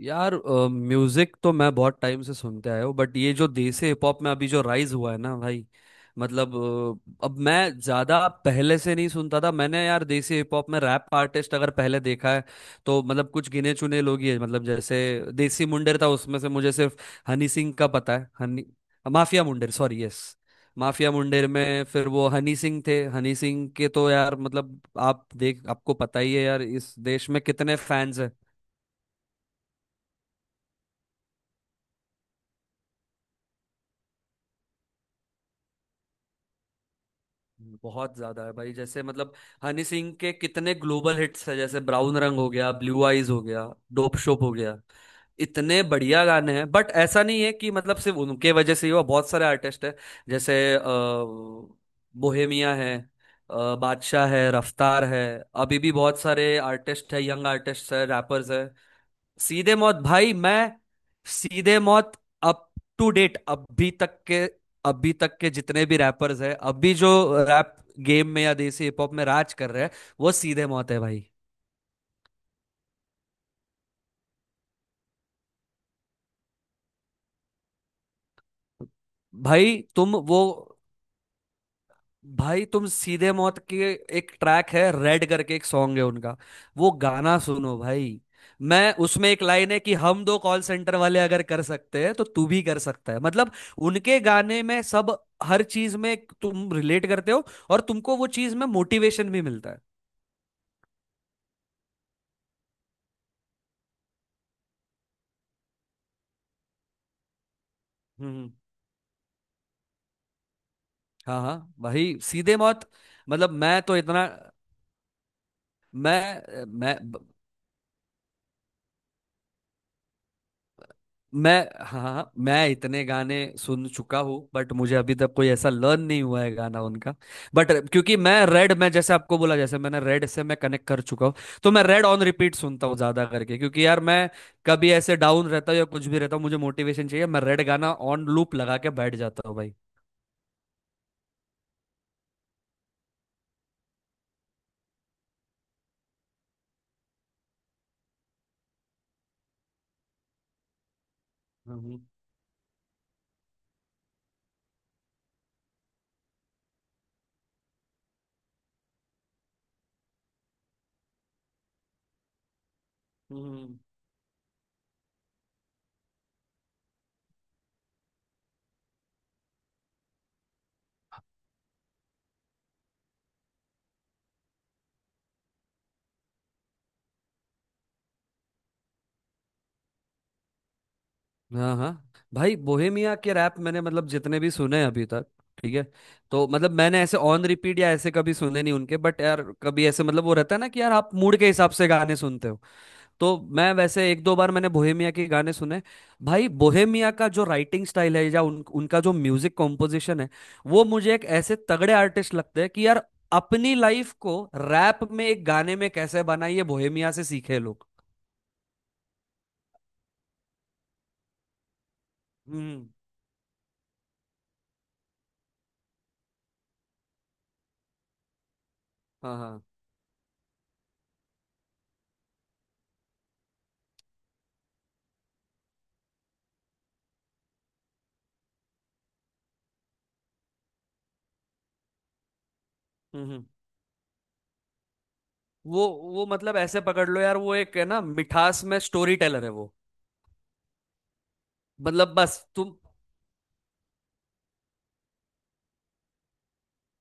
यार म्यूजिक तो मैं बहुत टाइम से सुनते आया हूँ बट ये जो देसी हिप हॉप में अभी जो राइज हुआ है ना भाई। मतलब अब मैं ज्यादा पहले से नहीं सुनता था। मैंने यार देसी हिप हॉप में रैप आर्टिस्ट अगर पहले देखा है तो मतलब कुछ गिने चुने लोग ही है। मतलब जैसे देसी मुंडेर था, उसमें से मुझे सिर्फ हनी सिंह का पता है। Honey Mafia Mundeer, sorry, yes. Mafia Mundeer में फिर वो हनी सिंह थे। हनी सिंह के तो यार मतलब आप देख, आपको पता ही है यार इस देश में कितने फैंस हैं। बहुत ज्यादा है भाई, जैसे मतलब हनी सिंह के कितने ग्लोबल हिट्स है, जैसे ब्राउन रंग हो गया, ब्लू आइज हो गया, डोप शोप हो गया। इतने बढ़िया गाने हैं बट ऐसा नहीं है कि मतलब सिर्फ उनके वजह से ही हुआ, बहुत सारे आर्टिस्ट हैं। जैसे बोहेमिया है, बादशाह है, रफ्तार है। अभी भी बहुत सारे आर्टिस्ट है, यंग आर्टिस्ट है, रैपर्स है। सीधे मौत भाई। मैं Seedhe Maut up to date, अभी तक के जितने भी रैपर्स हैं अभी जो रैप गेम में या देसी हिप हॉप में राज कर रहे हैं, वो सीधे मौत है भाई। भाई तुम वो भाई तुम सीधे मौत के एक ट्रैक है रेड करके, एक सॉन्ग है उनका। वो गाना सुनो भाई। मैं उसमें एक लाइन है कि हम दो कॉल सेंटर वाले अगर कर सकते हैं तो तू भी कर सकता है। मतलब उनके गाने में सब, हर चीज में तुम रिलेट करते हो और तुमको वो चीज में मोटिवेशन भी मिलता है। हम्म। हाँ हाँ भाई, सीधे मौत। मतलब मैं तो इतना। मैं मैं मैं हाँ हाँ, मैं इतने गाने सुन चुका हूँ बट मुझे अभी तक कोई ऐसा लर्न नहीं हुआ है गाना उनका। बट क्योंकि मैं रेड में जैसे आपको बोला, जैसे मैंने रेड से मैं कनेक्ट कर चुका हूँ। तो मैं रेड ऑन रिपीट सुनता हूँ ज्यादा करके, क्योंकि यार मैं कभी ऐसे डाउन रहता हूँ या कुछ भी रहता हूँ, मुझे मोटिवेशन चाहिए, मैं रेड गाना ऑन लूप लगा के बैठ जाता हूँ भाई। हम्म, हम्म। हाँ हाँ भाई, बोहेमिया के रैप मैंने मतलब जितने भी सुने हैं अभी तक, ठीक है। तो मतलब मैंने ऐसे ऑन रिपीट या ऐसे कभी सुने नहीं उनके, बट यार कभी ऐसे मतलब वो रहता है ना कि यार आप मूड के हिसाब से गाने सुनते हो। तो मैं वैसे एक दो बार मैंने बोहेमिया के गाने सुने। भाई बोहेमिया का जो राइटिंग स्टाइल है या उनका जो म्यूजिक कॉम्पोजिशन है, वो मुझे एक ऐसे तगड़े आर्टिस्ट लगते हैं कि यार अपनी लाइफ को रैप में, एक गाने में कैसे बनाइए, बोहेमिया से सीखे लोग। हम्म। हाँ हाँ। हम्म, हम्म। वो वो मतलब ऐसे पकड़ लो यार, वो एक है ना मिठास में स्टोरी टेलर है वो। मतलब बस तुम।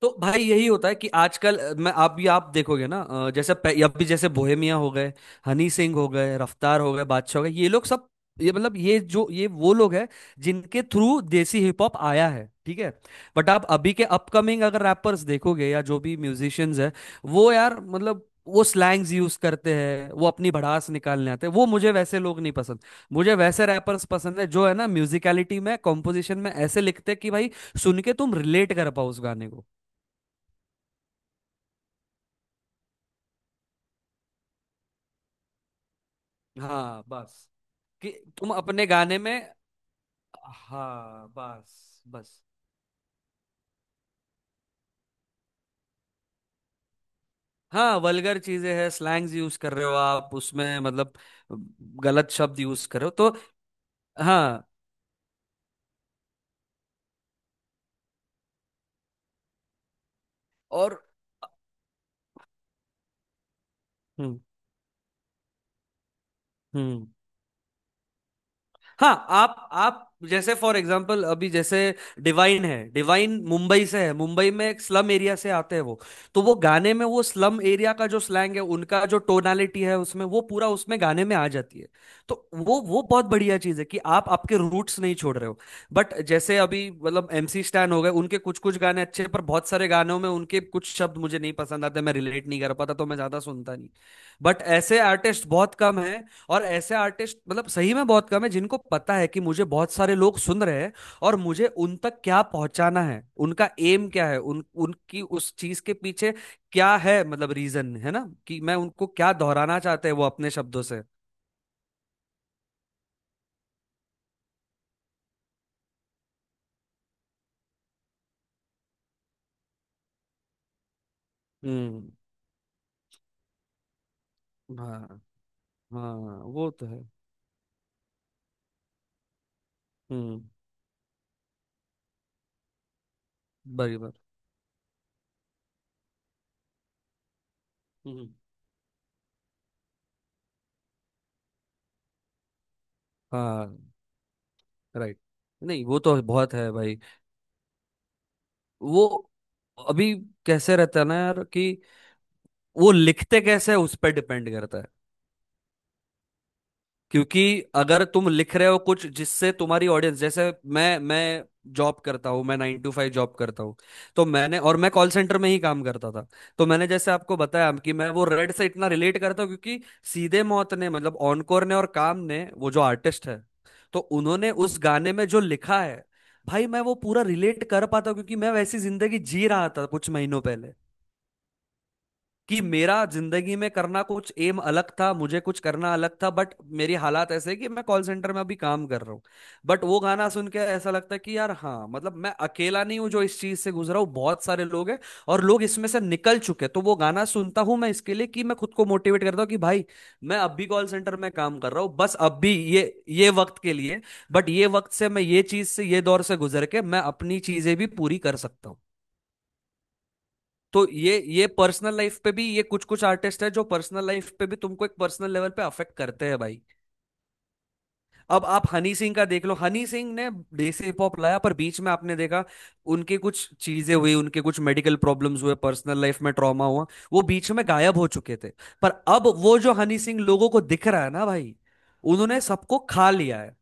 तो भाई यही होता है कि आजकल मैं आप भी आप देखोगे ना, जैसे अब भी जैसे बोहेमिया हो गए, हनी सिंह हो गए, रफ्तार हो गए, बादशाह हो गए, ये लोग सब। ये मतलब ये जो ये वो लोग हैं जिनके थ्रू देसी हिप हॉप आया है, ठीक है। बट आप अभी के अपकमिंग अगर रैपर्स देखोगे या जो भी म्यूजिशियंस हैं, वो यार मतलब वो स्लैंग्स यूज करते हैं, वो अपनी भड़ास निकालने आते हैं, वो मुझे वैसे लोग नहीं पसंद। मुझे वैसे रैपर्स पसंद है जो है ना म्यूजिकलिटी में, कॉम्पोजिशन में ऐसे लिखते हैं कि भाई सुन के तुम रिलेट कर पाओ उस गाने को। हाँ बस, कि तुम अपने गाने में, हाँ बस बस। हाँ वल्गर चीजें हैं, स्लैंग्स यूज कर रहे हो आप उसमें, मतलब गलत शब्द यूज कर रहे हो तो। हाँ। और। हम्म। हम्म। हाँ, आप जैसे फॉर एग्जांपल, अभी जैसे डिवाइन है, डिवाइन मुंबई से है, मुंबई में एक स्लम एरिया से आते हैं वो। तो वो गाने में वो स्लम एरिया का जो स्लैंग है, उनका जो टोनालिटी है, उसमें वो पूरा उसमें गाने में आ जाती है। तो वो बहुत बढ़िया चीज़ है कि आप आपके रूट्स नहीं छोड़ रहे हो। बट जैसे अभी मतलब एमसी स्टैन हो गए, उनके कुछ कुछ गाने अच्छे हैं, पर बहुत सारे गानों में उनके कुछ शब्द मुझे नहीं पसंद आते, मैं रिलेट नहीं कर पाता तो मैं ज्यादा सुनता नहीं। बट ऐसे आर्टिस्ट बहुत कम है। और ऐसे आर्टिस्ट मतलब सही में बहुत कम है जिनको पता है कि मुझे बहुत सारे लोग सुन रहे हैं, और मुझे उन तक क्या पहुंचाना है, उनका एम क्या है, उन उनकी उस चीज के पीछे क्या है, मतलब रीजन है ना, कि मैं उनको क्या दोहराना चाहते हैं वो अपने शब्दों से। हम्म। हाँ हाँ, वो तो है। हम्म। बराबर। हम्म। हाँ, राइट। नहीं वो तो बहुत है भाई। वो अभी कैसे रहता है ना यार, कि वो लिखते कैसे है, उस पर डिपेंड करता है। क्योंकि अगर तुम लिख रहे हो कुछ जिससे तुम्हारी ऑडियंस, जैसे मैं जॉब करता हूँ, मैं 9 to 5 जॉब करता हूँ। तो मैंने, और मैं कॉल सेंटर में ही काम करता था। तो मैंने जैसे आपको बताया कि मैं वो रेड से इतना रिलेट करता हूँ क्योंकि सीधे मौत ने, मतलब ऑनकोर ने और काम ने, वो जो आर्टिस्ट है, तो उन्होंने उस गाने में जो लिखा है, भाई मैं वो पूरा रिलेट कर पाता हूँ क्योंकि मैं वैसी जिंदगी जी रहा था कुछ महीनों पहले। कि मेरा जिंदगी में करना कुछ एम अलग था, मुझे कुछ करना अलग था, बट मेरी हालात ऐसे है कि मैं कॉल सेंटर में अभी काम कर रहा हूँ। बट वो गाना सुन के ऐसा लगता है कि यार, हाँ मतलब मैं अकेला नहीं हूँ जो इस चीज से गुजरा हूँ, बहुत सारे लोग हैं, और लोग इसमें से निकल चुके हैं। तो वो गाना सुनता हूँ मैं इसके लिए, कि मैं खुद को मोटिवेट करता हूँ कि भाई मैं अब भी कॉल सेंटर में काम कर रहा हूँ, बस अब भी ये वक्त के लिए। बट ये वक्त से मैं ये चीज से, ये दौर से गुजर के, मैं अपनी चीजें भी पूरी कर सकता हूँ। तो ये पर्सनल लाइफ पे भी, ये कुछ कुछ आर्टिस्ट है जो पर्सनल लाइफ पे भी तुमको एक पर्सनल लेवल पे अफेक्ट करते हैं भाई। अब आप हनी सिंह का देख लो, हनी सिंह ने देसी हिप हॉप लाया, पर बीच में आपने देखा उनके कुछ चीजें हुई, उनके कुछ मेडिकल प्रॉब्लम्स हुए, पर्सनल लाइफ में ट्रॉमा हुआ, वो बीच में गायब हो चुके थे। पर अब वो जो हनी सिंह लोगों को दिख रहा है ना भाई, उन्होंने सबको खा लिया है।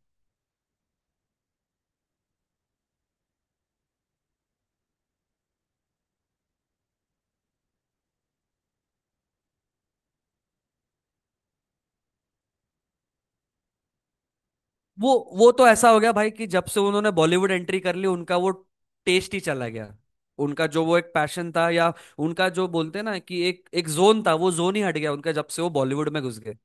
वो तो ऐसा हो गया भाई कि जब से उन्होंने बॉलीवुड एंट्री कर ली, उनका वो टेस्ट ही चला गया। उनका जो वो एक पैशन था, या उनका जो बोलते हैं ना कि एक एक जोन था, वो जोन ही हट गया उनका, जब से वो बॉलीवुड में घुस गए।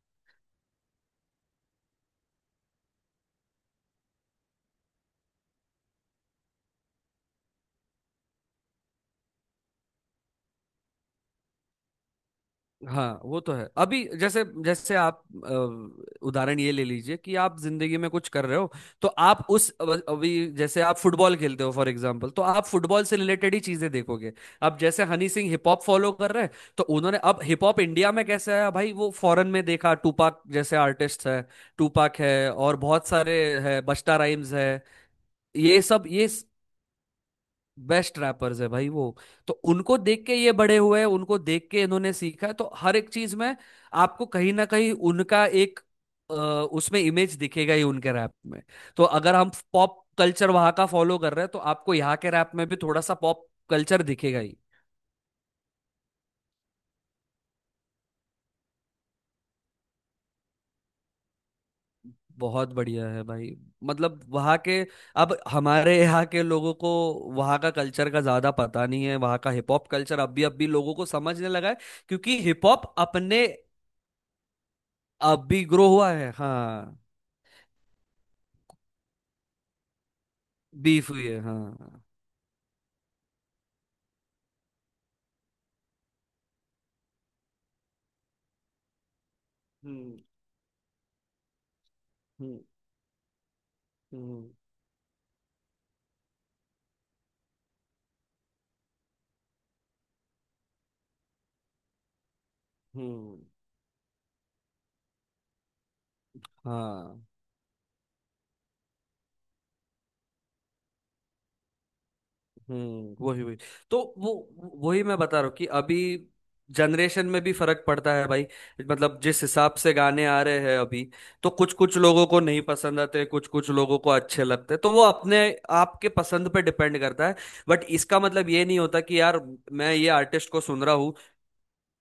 हाँ वो तो है, अभी जैसे जैसे आप उदाहरण ये ले लीजिए कि आप जिंदगी में कुछ कर रहे हो, तो आप उस अभी जैसे आप फुटबॉल खेलते हो फॉर एग्जांपल, तो आप फुटबॉल से रिलेटेड ही चीजें देखोगे। अब जैसे Honey Singh hip hop follow कर रहे हैं, तो उन्होंने अब हिप हॉप इंडिया में कैसे आया भाई, वो फॉरेन में देखा, टूपाक जैसे आर्टिस्ट है, टूपाक है और बहुत सारे है, बस्ता राइम्स है। ये सब ये बेस्ट रैपर्स है भाई वो। तो उनको देख के ये बड़े हुए हैं, उनको देख के इन्होंने सीखा है, तो हर एक चीज में आपको कहीं ना कहीं उनका एक अ, उसमें इमेज दिखेगा ही उनके रैप में। तो अगर हम पॉप कल्चर वहां का फॉलो कर रहे हैं तो आपको यहाँ के रैप में भी थोड़ा सा पॉप कल्चर दिखेगा ही। बहुत बढ़िया है भाई। मतलब वहाँ के, अब हमारे यहाँ के लोगों को वहाँ का कल्चर का ज्यादा पता नहीं है, वहाँ का हिप हॉप कल्चर अब भी लोगों को समझने लगा है। क्योंकि हिप हॉप अपने अब भी ग्रो हुआ है। हाँ। बीफ हुई है, हाँ। हम्म। हम्म। हम्म। हम्म। हाँ। हम्म। वही वही। तो वो वही मैं बता रहा हूँ कि अभी जनरेशन में भी फर्क पड़ता है भाई। मतलब जिस हिसाब से गाने आ रहे हैं अभी, तो कुछ कुछ लोगों को नहीं पसंद आते, कुछ कुछ लोगों को अच्छे लगते, तो वो अपने आपके पसंद पे डिपेंड करता है। बट इसका मतलब ये नहीं होता कि यार मैं ये आर्टिस्ट को सुन रहा हूँ।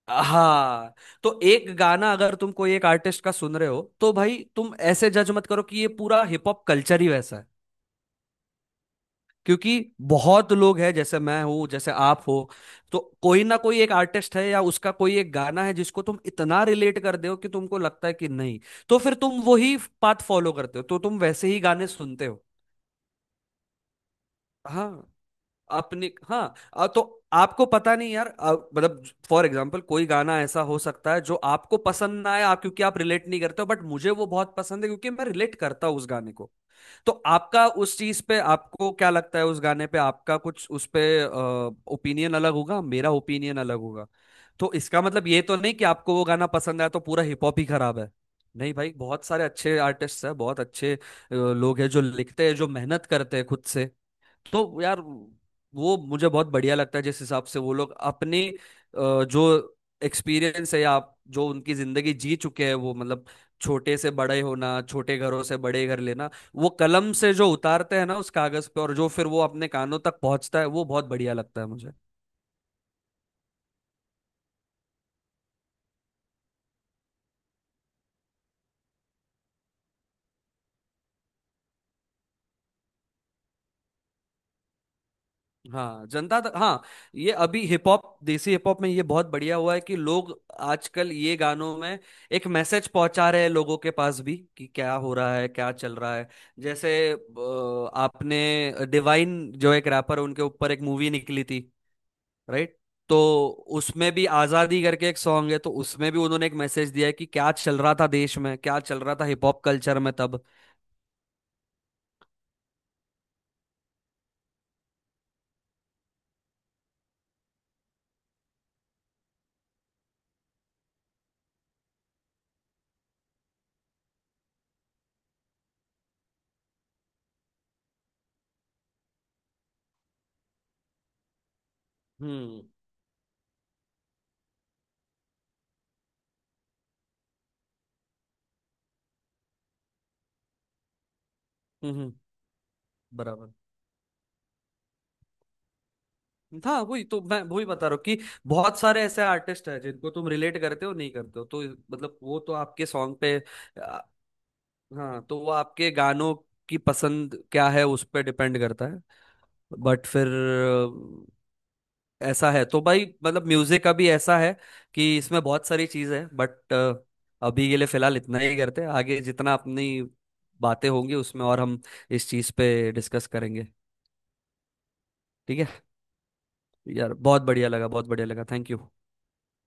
हाँ, तो एक गाना अगर तुम कोई एक आर्टिस्ट का सुन रहे हो तो भाई तुम ऐसे जज मत करो कि ये पूरा हिप हॉप कल्चर ही वैसा है। क्योंकि बहुत लोग हैं, जैसे मैं हूँ, जैसे आप हो। तो कोई ना कोई एक आर्टिस्ट है या उसका कोई एक गाना है जिसको तुम इतना रिलेट कर दो कि तुमको लगता है कि नहीं, तो फिर तुम वही पाथ फॉलो करते हो, तो तुम वैसे ही गाने सुनते हो। हाँ अपने, हाँ, तो आपको पता नहीं यार, मतलब फॉर एग्जांपल कोई गाना ऐसा हो सकता है जो आपको पसंद ना आए, आप क्योंकि आप रिलेट नहीं करते हो, बट मुझे वो बहुत पसंद है क्योंकि मैं रिलेट करता हूँ उस गाने को। तो आपका उस चीज पे, आपको क्या लगता है उस गाने पे, आपका कुछ उस पे ओपिनियन अलग होगा, मेरा ओपिनियन अलग होगा। तो इसका मतलब ये तो नहीं कि आपको वो गाना पसंद आया तो पूरा हिप हॉप ही खराब है। नहीं भाई, बहुत सारे अच्छे आर्टिस्ट हैं, बहुत अच्छे लोग हैं जो लिखते हैं, जो मेहनत करते हैं खुद से। तो यार वो मुझे बहुत बढ़िया लगता है जिस हिसाब से वो लोग अपने जो एक्सपीरियंस है, या आप जो उनकी जिंदगी जी चुके हैं वो, मतलब छोटे से बड़े होना, छोटे घरों से बड़े घर लेना, वो कलम से जो उतारते हैं ना उस कागज पे, और जो फिर वो अपने कानों तक पहुंचता है, वो बहुत बढ़िया लगता है मुझे। हाँ, जनता तक, हाँ। ये अभी hip hop, desi hip hop में ये बहुत बढ़िया हुआ है कि लोग आजकल ये गानों में एक मैसेज पहुंचा रहे हैं लोगों के पास भी कि क्या हो रहा है, क्या चल रहा है। जैसे आपने डिवाइन जो एक रैपर, उनके ऊपर एक मूवी निकली थी, राइट। तो उसमें भी आजादी करके एक सॉन्ग है, तो उसमें भी उन्होंने एक मैसेज दिया है कि क्या चल रहा था देश में, क्या चल रहा था हिप हॉप कल्चर में तब। हम्म। हम्म। बराबर। था वही, तो मैं वही बता रहा हूँ कि बहुत सारे ऐसे आर्टिस्ट हैं जिनको तुम रिलेट करते हो नहीं करते हो तो मतलब वो तो आपके सॉन्ग पे। आ, हाँ, तो वो आपके गानों की पसंद क्या है, उस पर डिपेंड करता है। बट फिर ऐसा है, तो भाई मतलब म्यूजिक अभी ऐसा है कि इसमें बहुत सारी चीज है, बट अभी के लिए फिलहाल इतना ही करते हैं, आगे जितना अपनी बातें होंगी उसमें और हम इस चीज पे डिस्कस करेंगे। ठीक है। यार बहुत बढ़िया लगा, बहुत बढ़िया लगा, थैंक यू।